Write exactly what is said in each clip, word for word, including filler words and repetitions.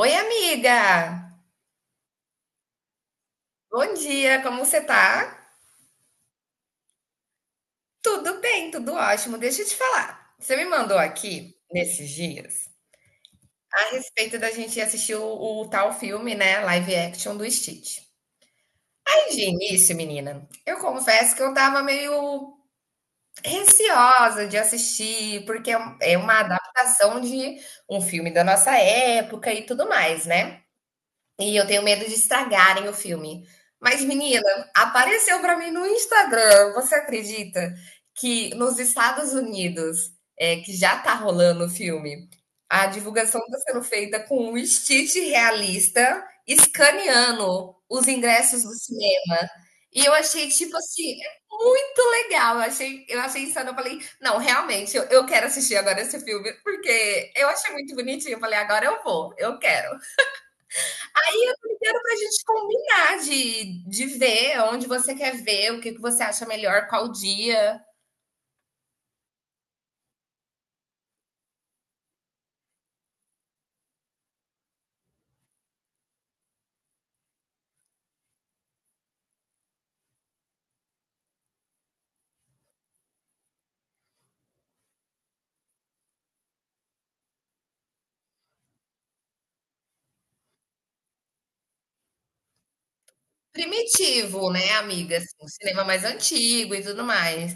Oi, amiga! Bom dia, como você tá? Tudo bem, tudo ótimo. Deixa eu te falar. Você me mandou aqui, nesses dias, a respeito da gente assistir o, o tal filme, né? Live action do Stitch. Aí, de início, menina, eu confesso que eu tava meio receosa de assistir, porque é um- é uma adaptação de um filme da nossa época e tudo mais, né? E eu tenho medo de estragarem o filme. Mas, menina, apareceu para mim no Instagram. Você acredita que nos Estados Unidos, é, que já tá rolando o filme, a divulgação está sendo feita com um Stitch realista escaneando os ingressos do cinema. E eu achei, tipo assim, é muito legal. Eu achei, eu achei insano. Eu falei, não, realmente, eu, eu quero assistir agora esse filme, porque eu achei muito bonitinho. Eu falei, agora eu vou, eu quero inteiro para a gente combinar de, de ver onde você quer ver, o que, que você acha melhor, qual dia. Primitivo, né, amiga? Assim, o cinema mais antigo e tudo mais.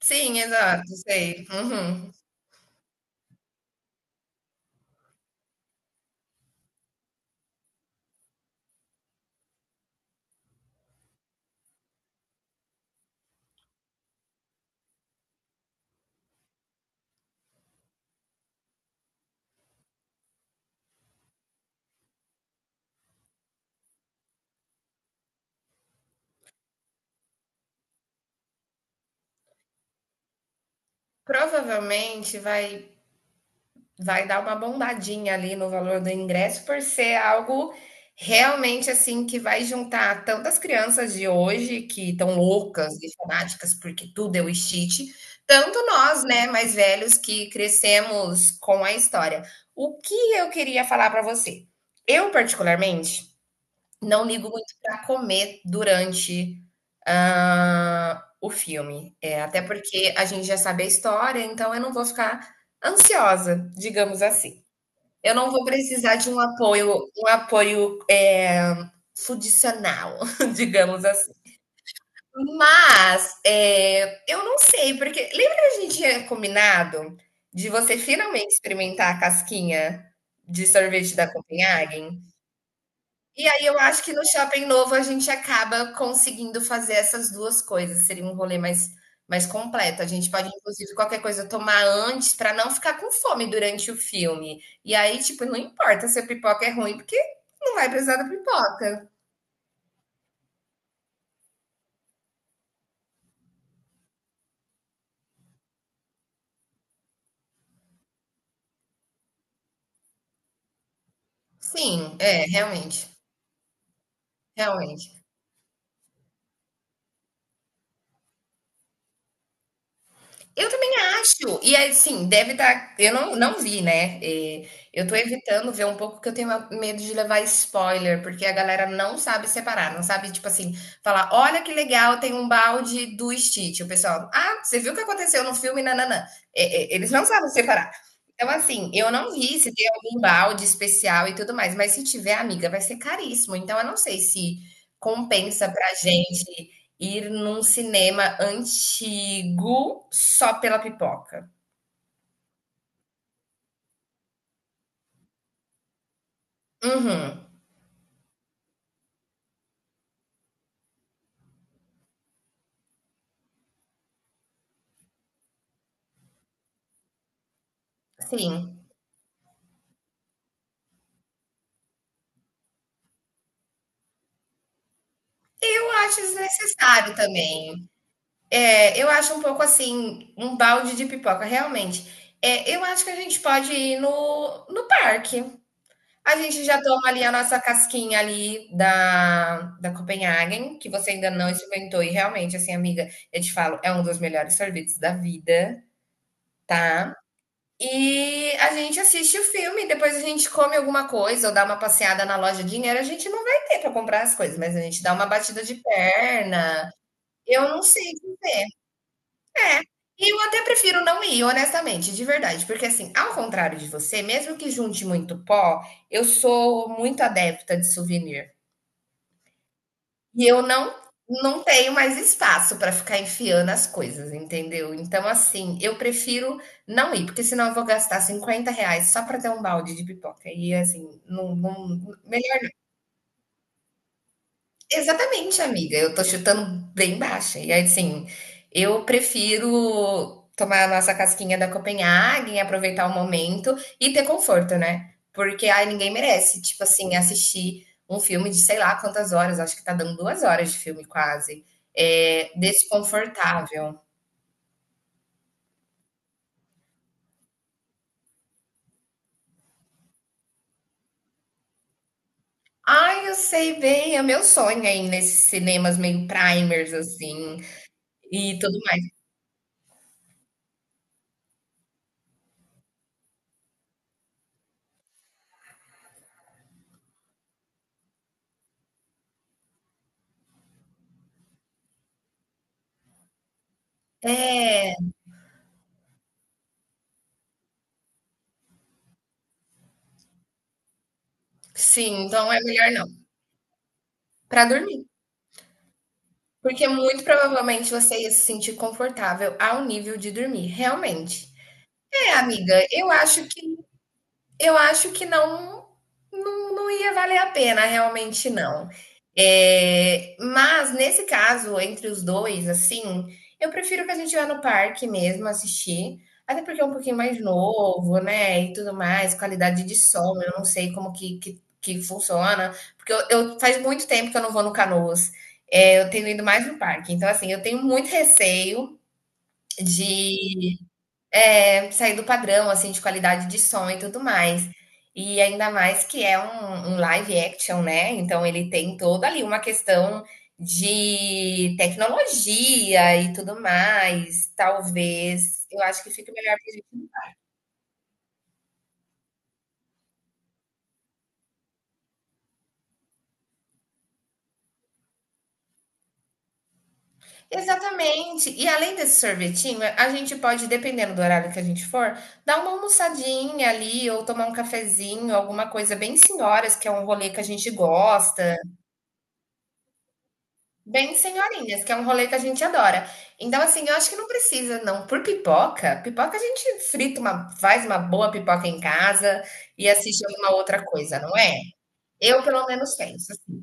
Sim, exato, sei. Uhum. Provavelmente vai vai dar uma bombadinha ali no valor do ingresso por ser algo realmente assim que vai juntar tantas crianças de hoje que estão loucas e fanáticas porque tudo é o Stitch, tanto nós, né, mais velhos que crescemos com a história. O que eu queria falar para você? Eu particularmente não ligo muito para comer durante, hã, o filme. É, até porque a gente já sabe a história, então eu não vou ficar ansiosa, digamos assim. Eu não vou precisar de um apoio um apoio, eh, fundicional, digamos assim. Mas, eh, eu não sei, porque lembra que a gente tinha combinado de você finalmente experimentar a casquinha de sorvete da Copenhagen? E aí eu acho que no shopping novo a gente acaba conseguindo fazer essas duas coisas, seria um rolê mais mais completo. A gente pode inclusive qualquer coisa tomar antes para não ficar com fome durante o filme. E aí, tipo, não importa se a pipoca é ruim, porque não vai precisar da pipoca. Sim, é, realmente, realmente. Eu também acho. E assim, deve estar. Eu não, não vi, né? É, eu tô evitando ver um pouco porque eu tenho medo de levar spoiler, porque a galera não sabe separar, não sabe, tipo assim, falar: olha que legal, tem um balde do Stitch. O pessoal, ah, você viu o que aconteceu no filme? Nananã. É, é, eles não sabem separar. Então, assim, eu não vi se tem algum balde especial e tudo mais, mas se tiver, amiga, vai ser caríssimo. Então, eu não sei se compensa pra gente ir num cinema antigo só pela pipoca. Uhum. Sim. Eu acho desnecessário também. É, eu acho um pouco assim, um balde de pipoca, realmente. É, eu acho que a gente pode ir no, no parque. A gente já toma ali a nossa casquinha ali da, da Copenhagen, que você ainda não experimentou. E realmente, assim, amiga, eu te falo, é um dos melhores sorvetes da vida, tá? E a gente assiste o filme, depois a gente come alguma coisa ou dá uma passeada na loja. Dinheiro a gente não vai ter para comprar as coisas, mas a gente dá uma batida de perna. Eu não sei. É. E eu até prefiro não ir, honestamente, de verdade. Porque, assim, ao contrário de você, mesmo que junte muito pó, eu sou muito adepta de souvenir. E eu não não tenho mais espaço para ficar enfiando as coisas, entendeu? Então, assim, eu prefiro não ir, porque senão eu vou gastar cinquenta reais só para ter um balde de pipoca. E, assim, não, não- Exatamente, amiga. Eu tô chutando bem baixa. E aí, assim, eu prefiro tomar a nossa casquinha da Copenhagen, aproveitar o momento e ter conforto, né? Porque aí ninguém merece, tipo assim, assistir um filme de sei lá quantas horas, acho que tá dando duas horas de filme quase. É desconfortável. Ai, eu sei bem, é meu sonho aí nesses cinemas meio primers, assim, e tudo mais. É, sim, então é melhor não. Pra dormir. Porque muito provavelmente você ia se sentir confortável ao nível de dormir, realmente. É, amiga, eu acho que eu acho que não, não, não ia valer a pena, realmente não. É, mas nesse caso, entre os dois, assim, eu prefiro que a gente vá no parque mesmo assistir, até porque é um pouquinho mais novo, né? E tudo mais, qualidade de som, eu não sei como que, que, que funciona, porque eu, eu- faz muito tempo que eu não vou no Canoas. É, eu tenho ido mais no parque, então assim, eu tenho muito receio de é sair do padrão, assim, de qualidade de som e tudo mais. E ainda mais que é um, um live action, né? Então ele tem toda ali uma questão de tecnologia e tudo mais. Talvez eu acho que fique melhor pra gente. Exatamente. E além desse sorvetinho, a gente pode, dependendo do horário que a gente for, dar uma almoçadinha ali, ou tomar um cafezinho, alguma coisa bem senhoras, que é um rolê que a gente gosta. Bem senhorinhas, que é um rolê que a gente adora. Então, assim, eu acho que não precisa, não. Por pipoca, pipoca a gente frita uma, faz uma boa pipoca em casa e assiste alguma outra coisa, não é? Eu, pelo menos, penso assim.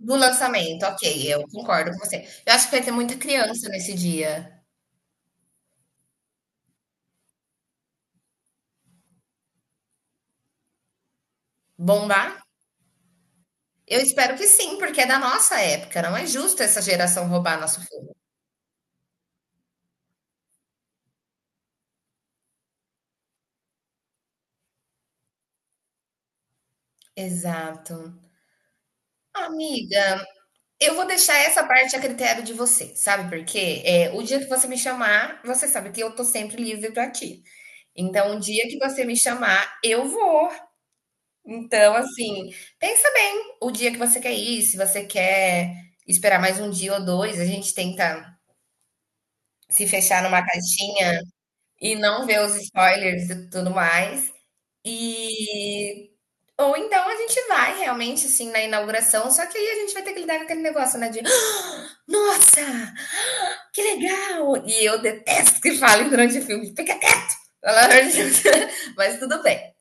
Do lançamento, ok, eu concordo com você. Eu acho que vai ter muita criança nesse dia. Bombar? Eu espero que sim, porque é da nossa época. Não é justo essa geração roubar nosso filme. Exato. Amiga, eu vou deixar essa parte a critério de você, sabe? Porque é, o dia que você me chamar, você sabe que eu tô sempre livre pra ti. Então, o dia que você me chamar, eu vou. Então, assim, pensa bem o dia que você quer ir, se você quer esperar mais um dia ou dois, a gente tenta se fechar numa caixinha e não ver os spoilers e tudo mais. E ou então a gente vai realmente assim na inauguração, só que aí a gente vai ter que lidar com aquele negócio, né, de "Ah, nossa, que legal!" E eu detesto que falem durante o filme, fica quieto, pelo amor de Deus. Mas tudo bem.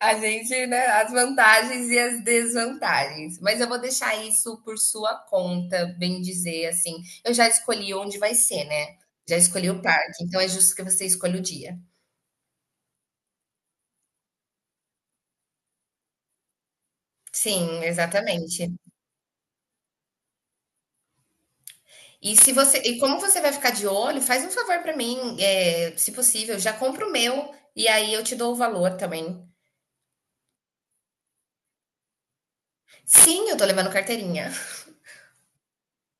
A gente, né, as vantagens e as desvantagens. Mas eu vou deixar isso por sua conta, bem dizer, assim. Eu já escolhi onde vai ser, né? Já escolhi o parque, então é justo que você escolha o dia. Sim, exatamente. E se você, e como você vai ficar de olho, faz um favor para mim, é, se possível, já compra o meu e aí eu te dou o valor também. Sim, eu tô levando carteirinha.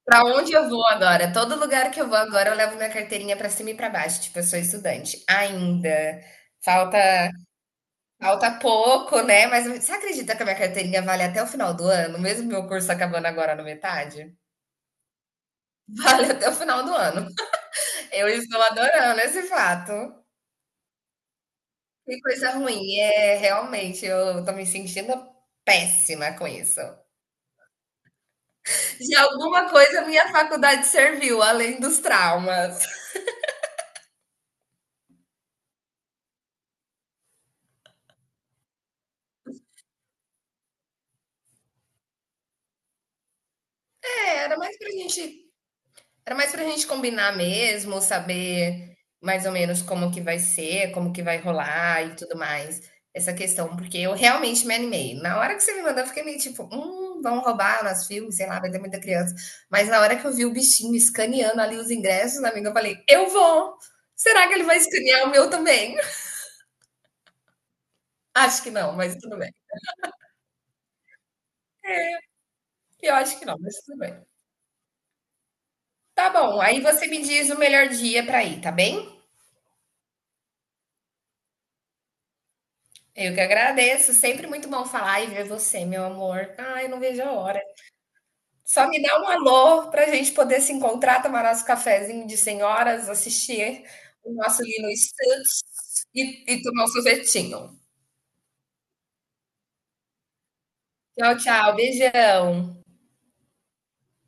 Pra onde eu vou agora? Todo lugar que eu vou agora, eu levo minha carteirinha pra cima e pra baixo. Tipo, eu sou estudante ainda. Falta falta pouco, né? Mas você acredita que a minha carteirinha vale até o final do ano, mesmo meu curso acabando agora na metade? Vale até o final do ano. Eu estou adorando esse fato. Que coisa ruim. É, realmente, eu tô me sentindo péssima com isso. De alguma coisa, minha faculdade serviu, além dos traumas. É, era mais pra gente Era mais pra gente combinar mesmo, saber mais ou menos como que vai ser, como que vai rolar e tudo mais. Essa questão, porque eu realmente me animei. Na hora que você me mandou, eu fiquei meio tipo, hum, vão roubar nosso filme, sei lá, vai ter muita criança. Mas na hora que eu vi o bichinho escaneando ali os ingressos, amiga, eu falei, eu vou! Será que ele vai escanear o meu também? Acho que não, mas tudo bem. Eu acho que não, mas tudo bem. Tá bom, aí você me diz o melhor dia pra ir, tá bem? Eu que agradeço. Sempre muito bom falar e ver você, meu amor. Ai, não vejo a hora. Só me dá um alô para a gente poder se encontrar, tomar nosso cafezinho de senhoras, assistir o nosso Lino Stutz e, e tomar um sorvetinho. Tchau, tchau. Beijão.